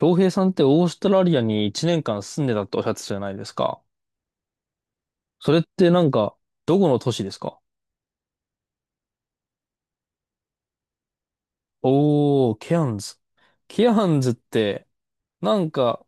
洋平さんってオーストラリアに1年間住んでたっておっしゃってたじゃないですか。それってなんか、どこの都市ですか？おー、ケアンズ。ケアンズって、なんか、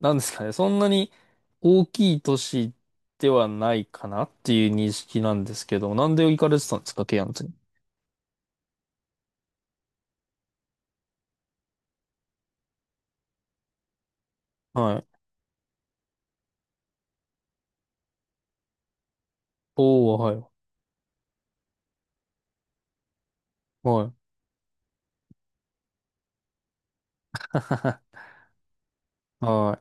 なんですかね、そんなに大きい都市ではないかなっていう認識なんですけど、なんで行かれてたんですか、ケアンズに。はい。おー、はい。はい。は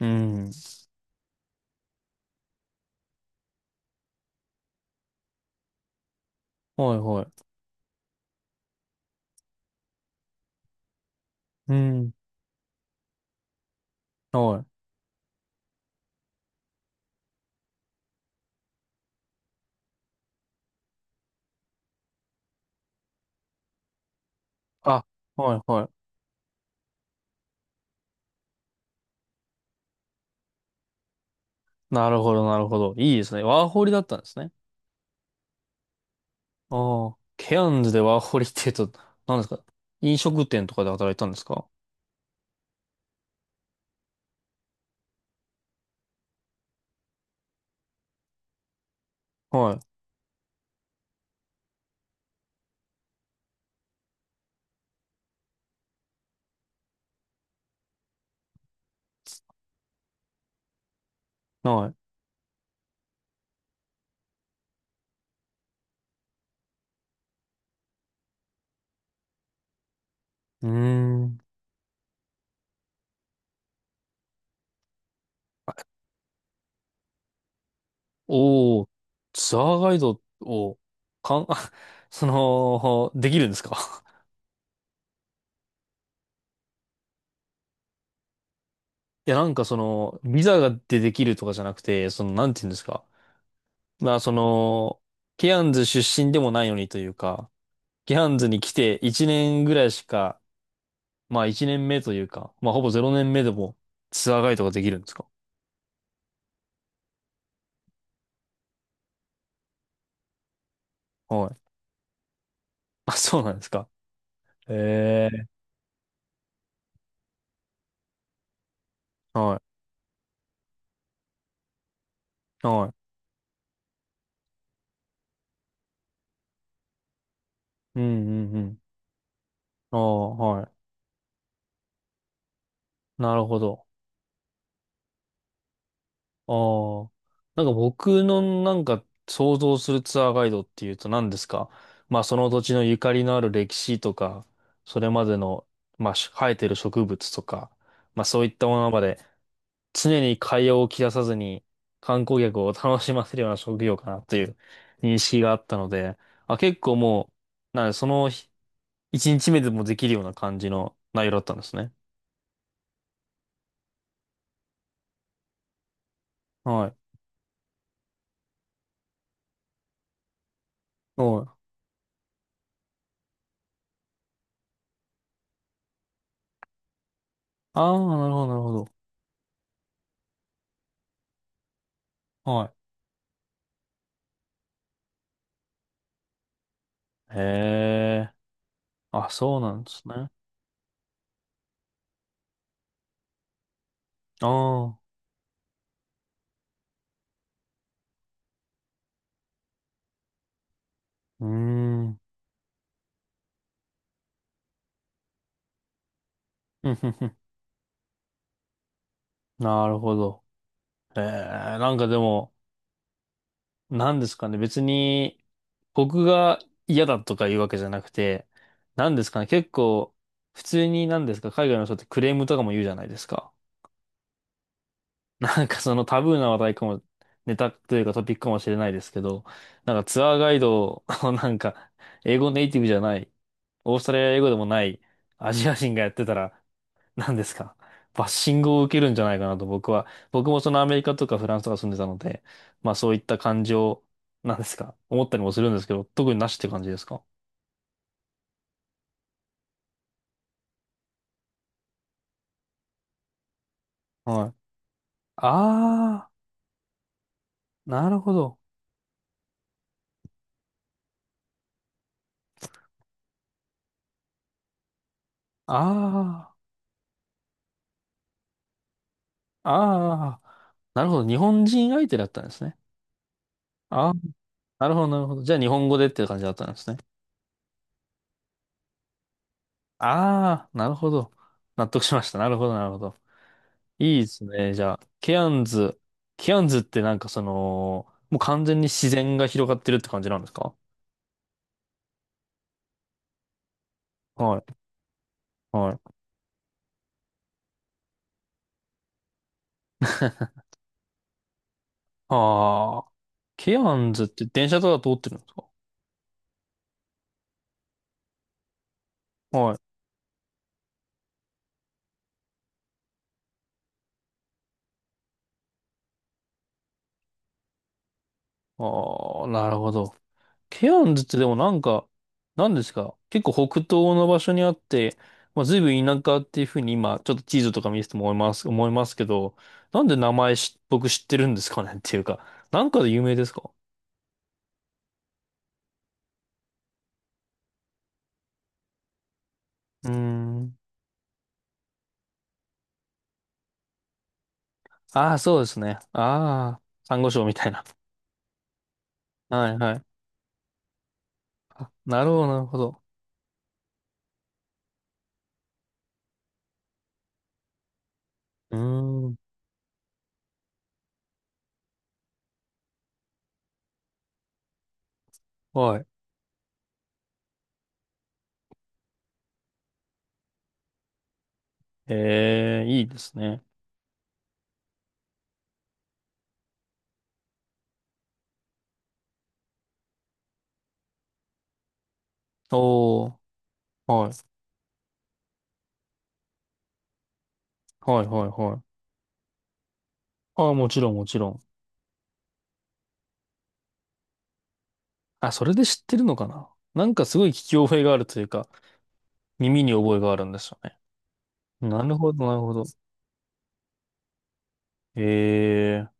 い。うん。はい、はい。うん。はい。あ、はい、はい。なるほど、なるほど。いいですね。ワーホリだったんですね。ああ、ケアンズでワーホリって言うと、何ですか？飲食店とかで働いたんですか？はい。はい。うーん。おお、ツアーガイドを、かん、あその、できるんですか？ いや、なんかその、ビザができるとかじゃなくて、その、なんて言うんですか。まあ、その、ケアンズ出身でもないのにというか、ケアンズに来て1年ぐらいしか、まあ1年目というか、まあほぼ0年目でもツアーガイドができるんですか？はい。あ、そうなんですか。ええ、はい、はい。うんうんうん。ああ、はい。なるほど。ああ。なんか僕のなんか想像するツアーガイドっていうと何ですか？まあその土地のゆかりのある歴史とか、それまでの、まあ生えてる植物とか、まあそういったものまで常に会話を切らさずに観光客を楽しませるような職業かなという認識があったので、あ、結構もう、なんでその日一日目でもできるような感じの内容だったんですね。はい。はい。ああ、なるほど、なるほど。はい。へえ。あ、そうなんですね。ああ、うーん。ふんふんふん。なるほど。ええ、なんかでも、なんですかね。別に、僕が嫌だとか言うわけじゃなくて、なんですかね。結構、普通になんですか、海外の人ってクレームとかも言うじゃないですか。なんかそのタブーな話題かも、ネタというかトピックかもしれないですけど、なんかツアーガイドを なんか、英語ネイティブじゃない、オーストラリア英語でもないアジア人がやってたら、何ですかバッシングを受けるんじゃないかなと僕もそのアメリカとかフランスとか住んでたので、まあそういった感情、なんですか思ったりもするんですけど、特になしって感じですか？はい。あー、なるほど。あー、あー、なるほど。日本人相手だったんですね。あー、なるほど、なるほど。じゃあ日本語でっていう感じだったんですね。ああ、なるほど。納得しました。なるほど、なるほど。いいですね。じゃあ、ケアンズ。ケアンズってなんかその、もう完全に自然が広がってるって感じなんですか？はい、はい。ああ、ケアンズって電車とか通ってるんですか？はい。ああ、なるほど。ケアンズってでもなんか、なんですか結構北東の場所にあって、まあ、随分田舎っていうふうに今、ちょっと地図とか見せても思いますけど、なんで名前僕知ってるんですかねっていうか、なんかで有名ですか？うーん。ああ、そうですね。ああ、珊瑚礁みたいな。はいはい。あ、なるほど、なるほど。うーん。はい。ええ、いいですね。おー。はい。はいはいはい。ああ、もちろんもちろん。あ、それで知ってるのかな？なんかすごい聞き覚えがあるというか、耳に覚えがあるんですよね。なるほど、なるほど。ええー。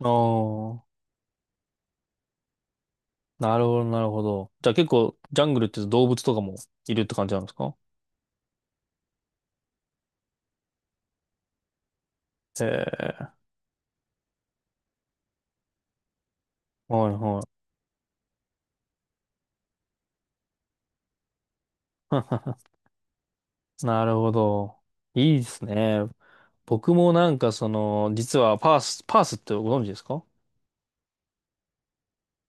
ああ、なるほど、なるほど。じゃあ結構、ジャングルって動物とかもいるって感じなんですか？ええー、はい、はい。なるほど。いいですね。僕もなんかその、実はパースってご存知ですか？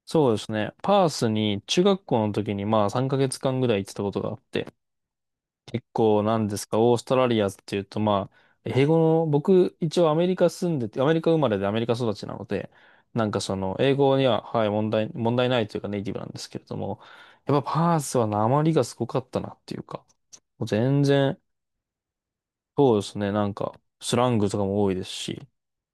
そうですね。パースに中学校の時にまあ3ヶ月間ぐらい行ってたことがあって、結構なんですか、オーストラリアっていうと、まあ、英語の、僕、一応アメリカ住んでて、アメリカ生まれでアメリカ育ちなので、なんかその、英語には、はい、問題ないというかネイティブなんですけれども、やっぱパースは訛りがすごかったなっていうか、もう全然、そうですね、なんか、スラングとかも多いですし、っ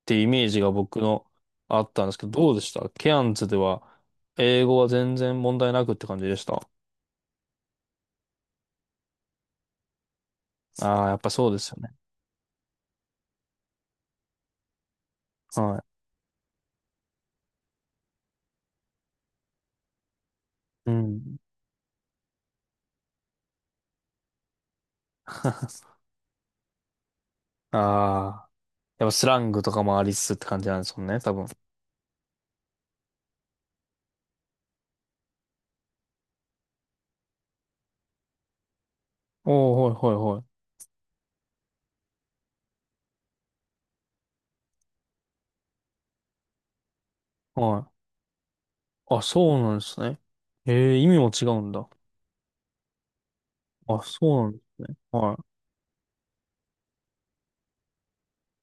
ていうイメージが僕のあったんですけど、どうでしたケアンズでは、英語は全然問題なくって感じでした？ああー、やっぱそうですよね。はい。うん。ああ。やっぱスラングとかもありつつって感じなんですもんね、多分。おー、はいはいはい。はい。あ、そうなんですね。ええ、意味も違うんだ。あ、そうなんですね。は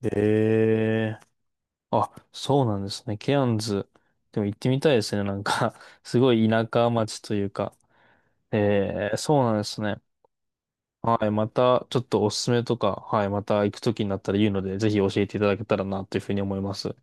い。ええ、あ、そうなんですね。ケアンズ。でも行ってみたいですね。なんか すごい田舎町というか。ええ、そうなんですね。はい。また、ちょっとおすすめとか、はい。また行くときになったら言うので、ぜひ教えていただけたらな、というふうに思います。